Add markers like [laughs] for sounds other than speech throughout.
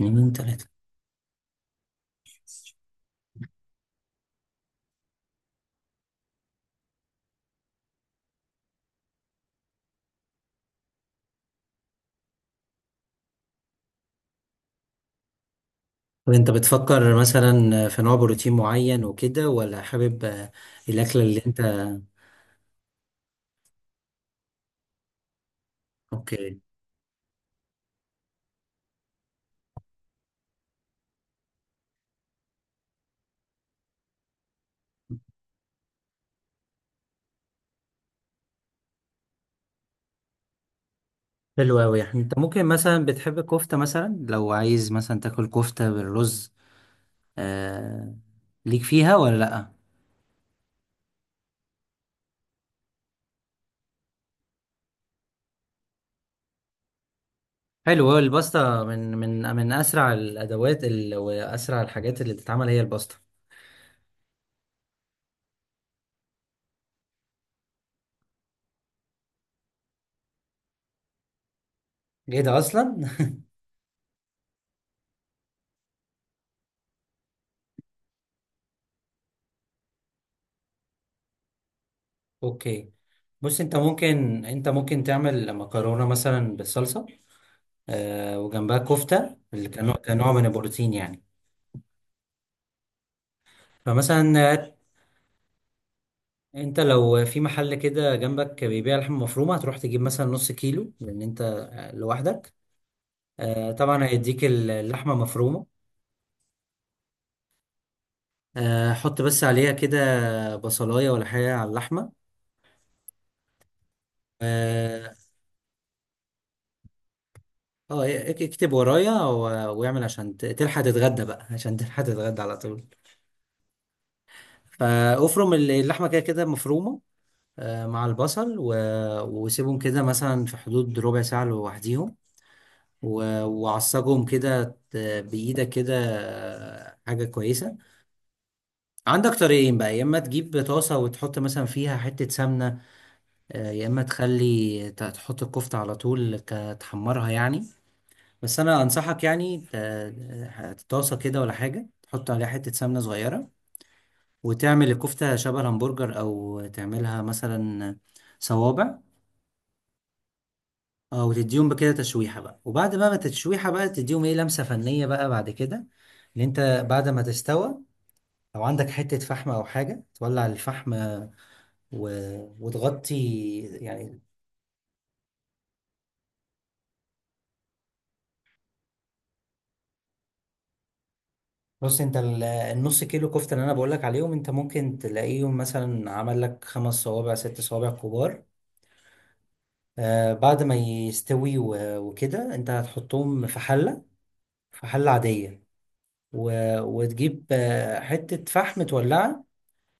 يومين ثلاثة. طب انت بتفكر مثلا في نوع بروتين معين وكده، ولا حابب؟ الأكلة اللي انت... اوكي. حلو أوي، يعني انت ممكن مثلا بتحب الكفتة، مثلا لو عايز مثلا تاكل كفتة بالرز. آه... ليك فيها ولا لأ؟ حلو أوي، الباستا من أسرع الأدوات، وأسرع الحاجات اللي بتتعمل هي الباستا. ايه ده أصلا؟ [laughs] اوكي، بص انت ممكن، تعمل مكرونة مثلا بالصلصة، وجنبها كفتة اللي كنوع من البروتين يعني. فمثلا، انت لو في محل كده جنبك بيبيع لحمة مفرومة، هتروح تجيب مثلا نص كيلو لأن انت لوحدك. طبعا هيديك اللحمة مفرومة. حط بس عليها كده بصلاية ولا حاجة على اللحمة. اه. اكتب ورايا واعمل عشان تلحق تتغدى بقى، عشان تلحق تتغدى على طول. فافرم اللحمة كده، كده مفرومة، مع البصل، وسيبهم كده مثلا في حدود ربع ساعة لوحديهم، وعصجهم كده ت- بإيدك كده، حاجة كويسة. عندك طريقين بقى: يا إما تجيب طاسة وتحط مثلا فيها حتة سمنة، يا إما تخلي تحط الكفتة على طول تحمرها يعني. بس أنا أنصحك، يعني طاسة كده ولا حاجة تحط عليها حتة سمنة صغيرة، وتعمل الكفتة شبه الهمبرجر، أو تعملها مثلا صوابع. اه، وتديهم بكده تشويحة بقى، وبعد بقى ما التشويحة بقى تديهم ايه لمسة فنية بقى بعد كده اللي انت... بعد ما تستوى، لو عندك حتة فحم او حاجة تولع الفحم، و... وتغطي يعني. بص انت، النص كيلو كفتة اللي انا بقولك عليهم، انت ممكن تلاقيهم مثلا عمل لك خمس صوابع، ست صوابع كبار. آه، بعد ما يستوي وكده انت هتحطهم في حلة، في حلة عادية، و... وتجيب حتة فحم تولعها.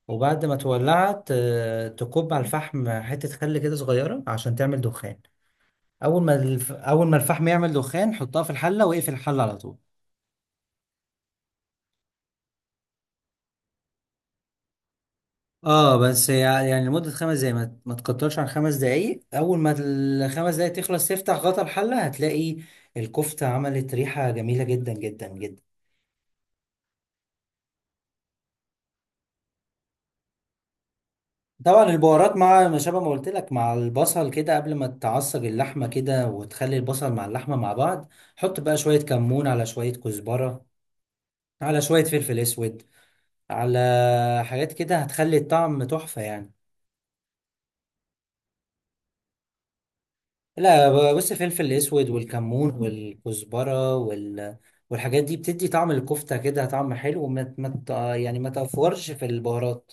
وبعد ما تولعت، تكب على الفحم حتة خل كده صغيرة عشان تعمل دخان. أول ما الفحم يعمل دخان، حطها في الحلة واقفل الحلة على طول. اه، بس يعني لمدة 5 دقايق، ما تكترش عن 5 دقايق. أول ما الـ5 دقايق تخلص، تفتح غطا الحلة هتلاقي الكفتة عملت ريحة جميلة جدا جدا جدا. طبعا البهارات مع ما شابه، ما قلت لك مع البصل كده قبل ما تعصج اللحمة كده، وتخلي البصل مع اللحمة مع بعض، حط بقى شوية كمون، على شوية كزبرة، على شوية فلفل اسود، على حاجات كده، هتخلي الطعم تحفة يعني. لا بص، الفلفل الاسود والكمون والكزبرة والحاجات دي بتدي طعم الكفتة كده طعم حلو، وما ما ت- يعني ما تفورش في البهارات.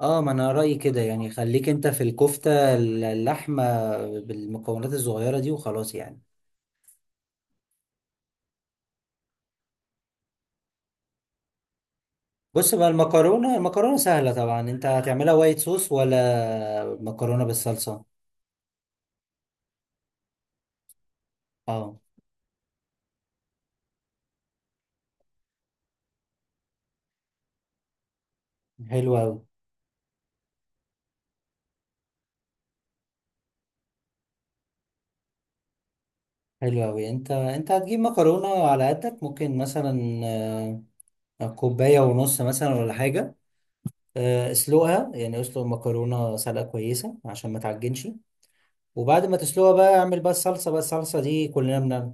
اه، ما انا رأيي كده، يعني خليك انت في الكفتة اللحمة بالمكونات الصغيرة دي وخلاص يعني. بص بقى، المكرونة، سهلة طبعا. انت هتعملها وايت صوص ولا مكرونة بالصلصة؟ اه. حلوة أوي. حلو أوي، انت هتجيب مكرونة على قدك، ممكن مثلا كوباية ونص مثلا ولا حاجة. اسلقها، يعني اسلق المكرونة سلقة كويسة عشان ما تعجنش، وبعد ما تسلقها بقى اعمل بقى الصلصة. بقى الصلصة دي كلنا بنعمل.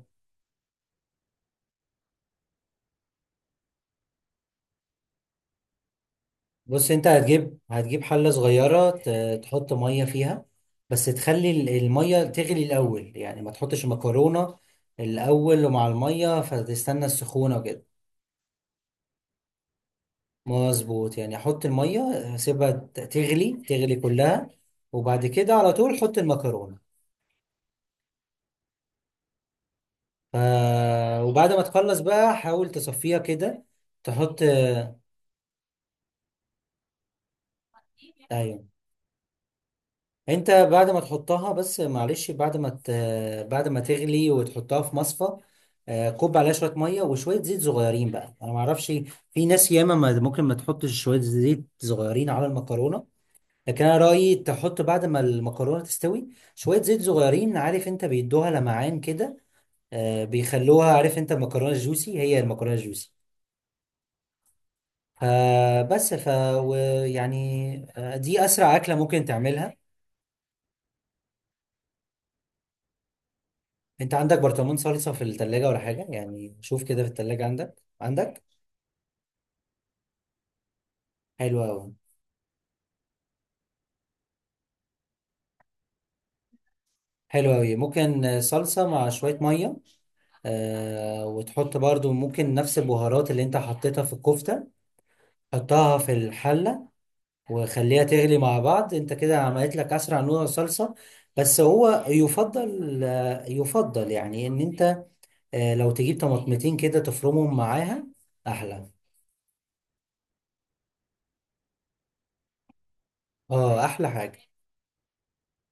بص انت هتجيب، حلة صغيرة تحط مية فيها، بس تخلي المية تغلي الأول، يعني ما تحطش المكرونة الأول، ومع المية فتستنى السخونة وكده. مظبوط، يعني احط الميه، اسيبها تغلي، كلها، وبعد كده على طول حط المكرونه. ف... وبعد ما تخلص بقى حاول تصفيها كده، تحط... ايوه، انت بعد ما تحطها، بس معلش، بعد ما تغلي وتحطها في مصفى، كب عليها شويه ميه وشويه زيت صغيرين بقى. انا ما اعرفش، في ناس ياما ممكن ما تحطش شويه زيت صغيرين على المكرونه، لكن انا رايي تحط بعد ما المكرونه تستوي شويه زيت صغيرين، عارف انت، بيدوها لمعان كده. بيخلوها، عارف انت، المكرونه الجوسي، هي المكرونه الجوسي. فبس، و- يعني دي اسرع اكله ممكن تعملها. انت عندك برطمان صلصه في الثلاجه ولا حاجه؟ يعني شوف كده في الثلاجه، عندك، حلو قوي. حلو قوي، ممكن صلصه مع شويه ميه، آه، وتحط برضو ممكن نفس البهارات اللي انت حطيتها في الكفته، حطها في الحله وخليها تغلي مع بعض، انت كده عملت لك اسرع نوع صلصة. بس هو يفضل، يفضل يعني، ان انت لو تجيب طماطمتين كده تفرمهم معاها احلى. اه، احلى حاجة.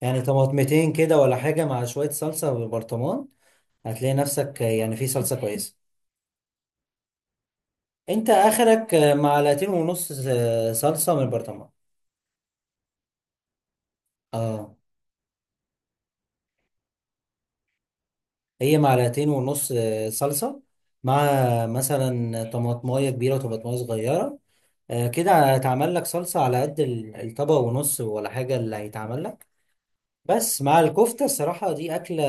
يعني طماطمتين كده ولا حاجة مع شوية صلصة بالبرطمان، هتلاقي نفسك يعني في صلصة كويسة. انت اخرك معلقتين ونص صلصة من البرطمان. اه، هي معلقتين ونص صلصة مع مثلا طماطمايه كبيرة وطماطمايه صغيرة. كده هيتعمل لك صلصة على قد الطبق ونص ولا حاجة اللي هيتعمل لك. بس مع الكفتة الصراحة دي أكلة،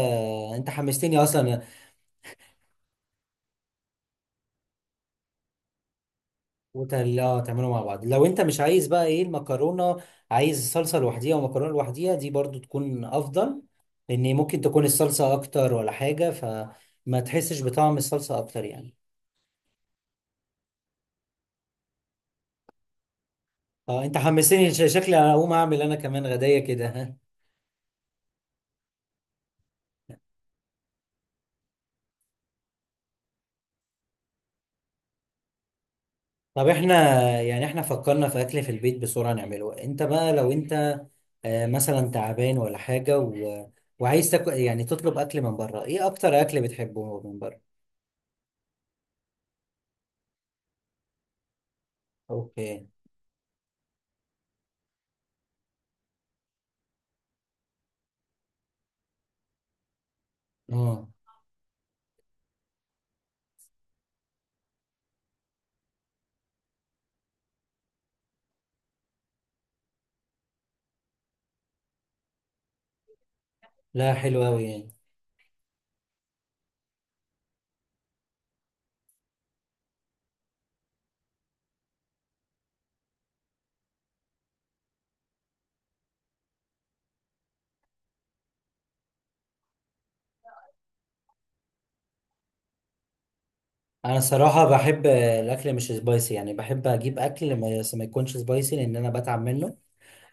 أنت حمستني أصلا. وتل... آه تعمله مع بعض، لو أنت مش عايز بقى إيه المكرونة، عايز صلصة لوحديها ومكرونة لوحديها، دي برضو تكون أفضل. لأن ممكن تكون الصلصة أكتر ولا حاجة، فما تحسش بطعم الصلصة أكتر يعني. أه، أنت حمستني، شكلي أنا هقوم أعمل أنا كمان غداية كده. [laughs] طب احنا، يعني احنا فكرنا في اكل في البيت بسرعة نعمله. انت بقى لو انت مثلا تعبان ولا حاجة، وعايز تاكل، يعني تطلب اكل من بره، ايه اكتر اكل بتحبه من بره؟ اوكي. اه. لا حلو قوي يعني. انا صراحة بحب الاكل مش سبايسي، يعني بحب اجيب اكل ما، بس ما يكونش سبايسي لان انا بتعب منه.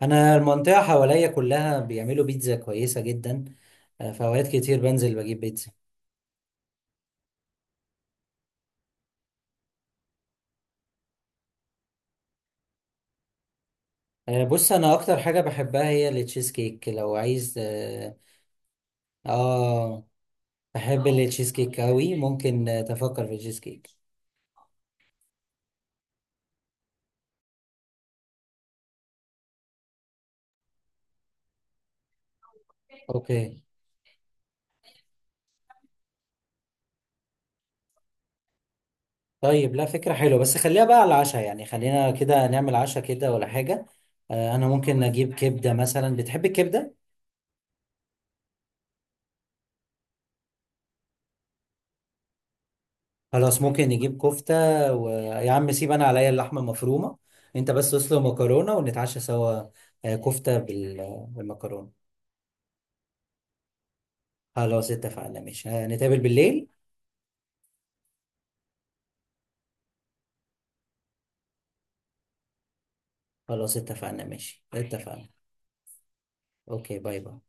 انا المنطقة حواليا كلها بيعملوا بيتزا كويسة جدا، في اوقات كتير بنزل بجيب بيتزا. بص انا اكتر حاجه بحبها هي التشيز كيك. لو عايز اه، بحب التشيز كيك قوي، ممكن تفكر في التشيز كيك. اوكي. طيب لا، فكرة حلوة، بس خليها بقى على العشاء، يعني خلينا كده نعمل عشاء كده ولا حاجة. آه، انا ممكن اجيب كبدة مثلا، بتحب الكبدة؟ خلاص ممكن نجيب كفتة، ويا عم سيب انا عليا اللحمة المفرومة، انت بس اسلق مكرونة ونتعشى سوا، آه كفتة بالمكرونة. خلاص اتفقنا ماشي، آه نتقابل بالليل. خلاص اتفقنا ماشي، اتفقنا. اوكي باي باي.